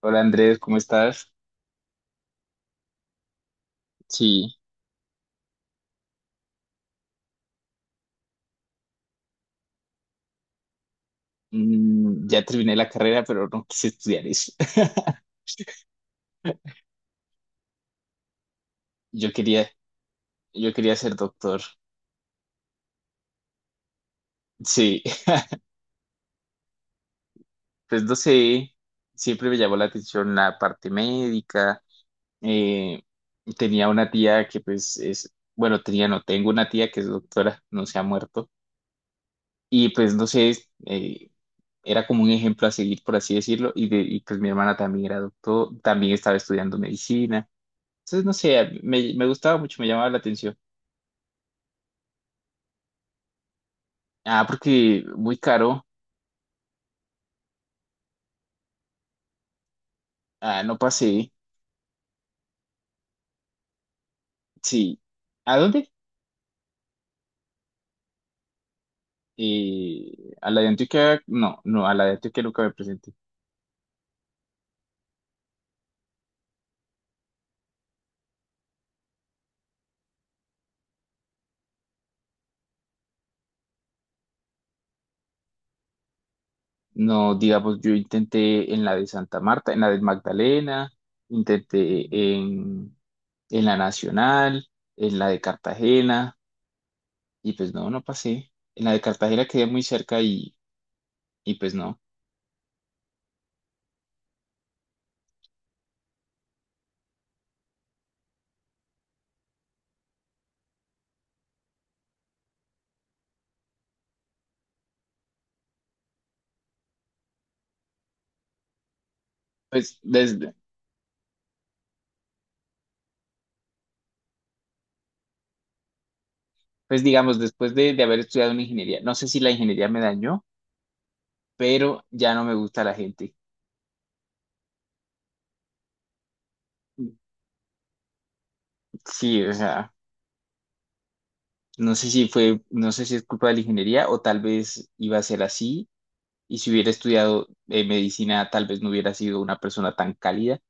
Hola Andrés, ¿cómo estás? Sí, ya terminé la carrera, pero no quise estudiar eso. Yo quería, yo quería ser doctor. Sí, pues no sé, siempre me llamó la atención la parte médica. Eh, tenía una tía que pues es, bueno, tenía, no, tengo una tía que es doctora, no se ha muerto. Y pues no sé, era como un ejemplo a seguir, por así decirlo. Y pues mi hermana también era doctor, también estaba estudiando medicina. Entonces, no sé, me gustaba mucho, me llamaba la atención. Ah, porque muy caro. Ah, no pasé. Sí. ¿A dónde? A la de Antioquia. No, no, a la de Antioquia nunca me presenté. No, digamos, yo intenté en la de Santa Marta, en la de Magdalena, intenté en, en la Nacional, en la de Cartagena, y pues no, no pasé. En la de Cartagena quedé muy cerca y pues no. Pues, desde, pues digamos, después de haber estudiado una ingeniería, no sé si la ingeniería me dañó, pero ya no me gusta la gente. Sí, o sea, no sé si fue, no sé si es culpa de la ingeniería o tal vez iba a ser así y si hubiera estudiado medicina tal vez no hubiera sido una persona tan cálida.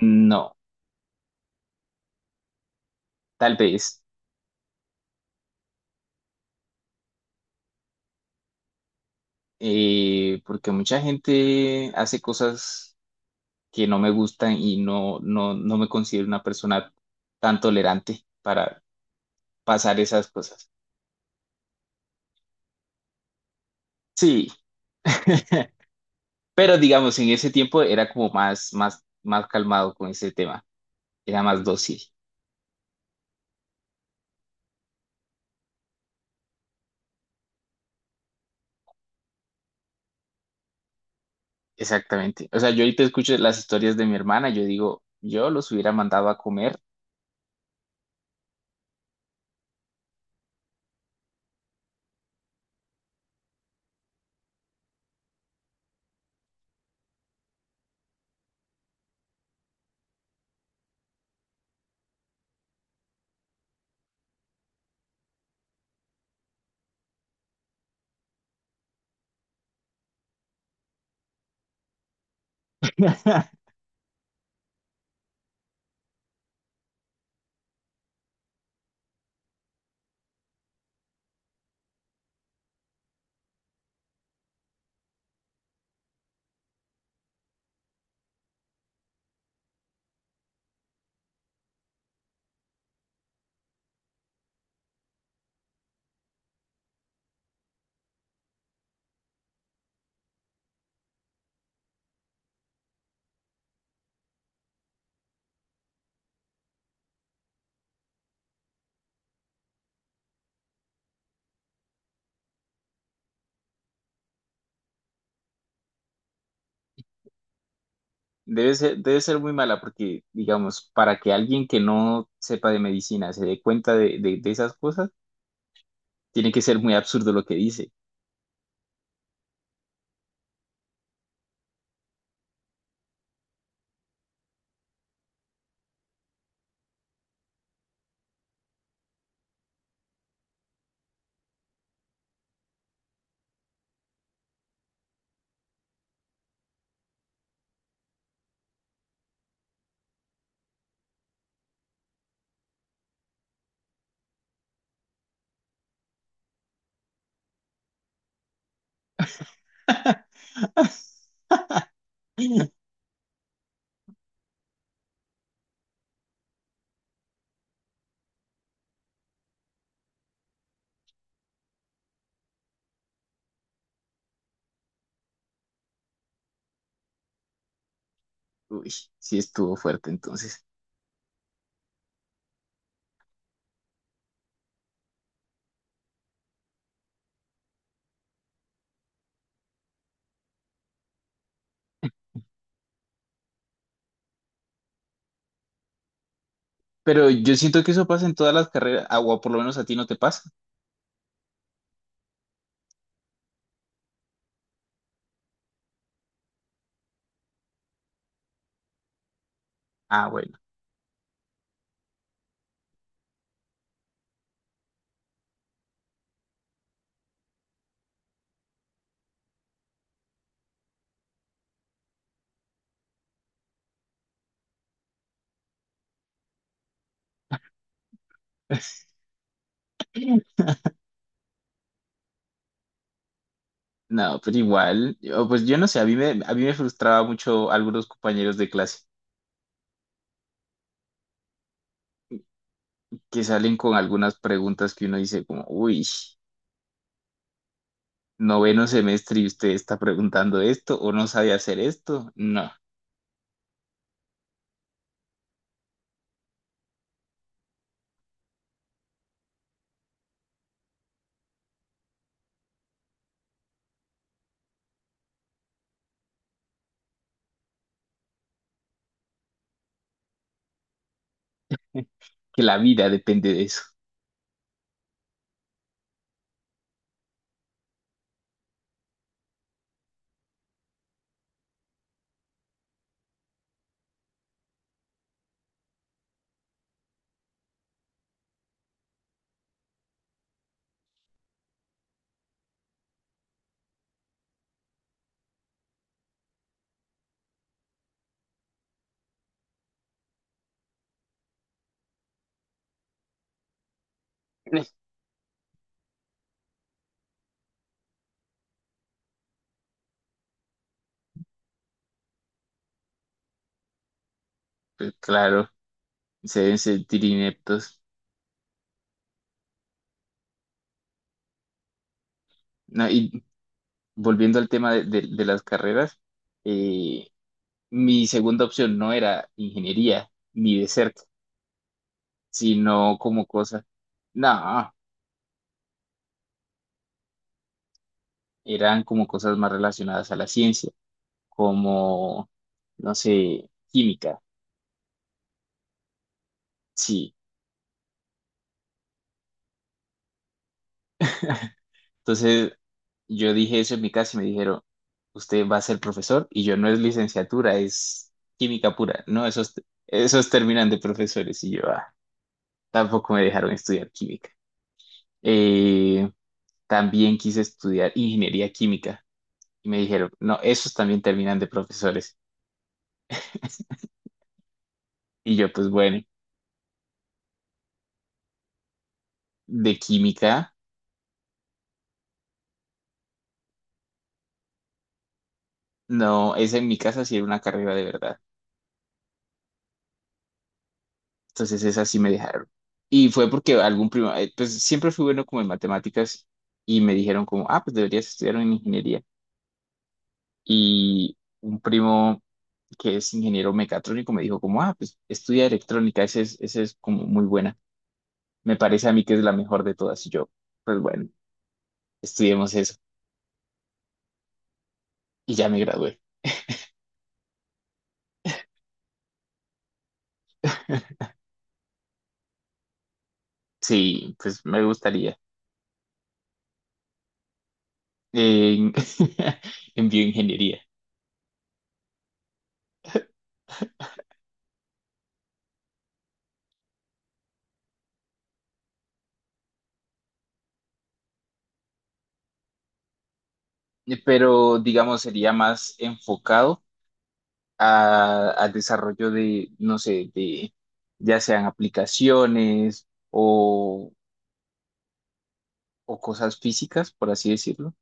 No, tal vez, porque mucha gente hace cosas que no me gustan y no me considero una persona tan tolerante para pasar esas cosas. Sí, pero digamos, en ese tiempo era como más calmado con ese tema, era más dócil. Exactamente. O sea, yo ahorita escucho las historias de mi hermana, yo digo, yo los hubiera mandado a comer. Debe ser muy mala porque, digamos, para que alguien que no sepa de medicina se dé cuenta de esas cosas, tiene que ser muy absurdo lo que dice. Uy, sí estuvo fuerte entonces. Pero yo siento que eso pasa en todas las carreras, ah, o por lo menos a ti no te pasa. Ah, bueno. No, pero igual, yo- pues yo no sé, a mí me frustraba mucho algunos compañeros de clase que salen con algunas preguntas que uno dice como, uy. Noveno semestre y usted está preguntando esto o no sabe hacer esto. No, que la vida depende de eso. Pues claro, se deben sentir ineptos. No, y volviendo al tema de las carreras, eh, mi segunda opción no era ingeniería, ni de cerca, sino como cosas, no, eran como cosas más relacionadas a la ciencia, como, no sé, química. Sí, entonces yo dije eso en mi casa y me dijeron, usted va a ser profesor y yo no es licenciatura, es química pura. No, esos, esos terminan de profesores y yo ah, tampoco me dejaron estudiar química. Eh, también quise estudiar ingeniería química y me dijeron, no, esos también terminan de profesores. Y yo pues bueno, de química, no, esa en mi casa sí era una carrera de verdad. Entonces esas sí me dejaron. Y fue porque algún primo, pues siempre fui bueno como en matemáticas y me dijeron como, ah, pues deberías estudiar en ingeniería. Y un primo que es ingeniero mecatrónico me dijo como, ah, pues estudia electrónica, esa es como muy buena. Me parece a mí que es la mejor de todas. Y yo, pues bueno, estudiemos eso. Y ya me gradué. Sí, pues me gustaría. En, en bioingeniería. Pero digamos, sería más enfocado a- al desarrollo de, no sé, de ya sean aplicaciones o cosas físicas, por así decirlo,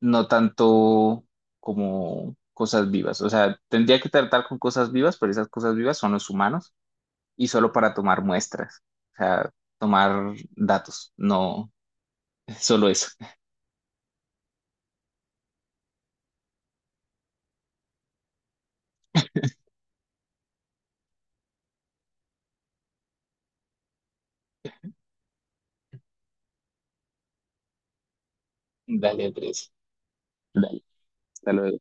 no tanto como cosas vivas. O sea, tendría que tratar con cosas vivas, pero esas cosas vivas son los humanos y solo para tomar muestras, o sea, tomar datos, no solo eso. Dale, Andrés. Dale, hasta luego.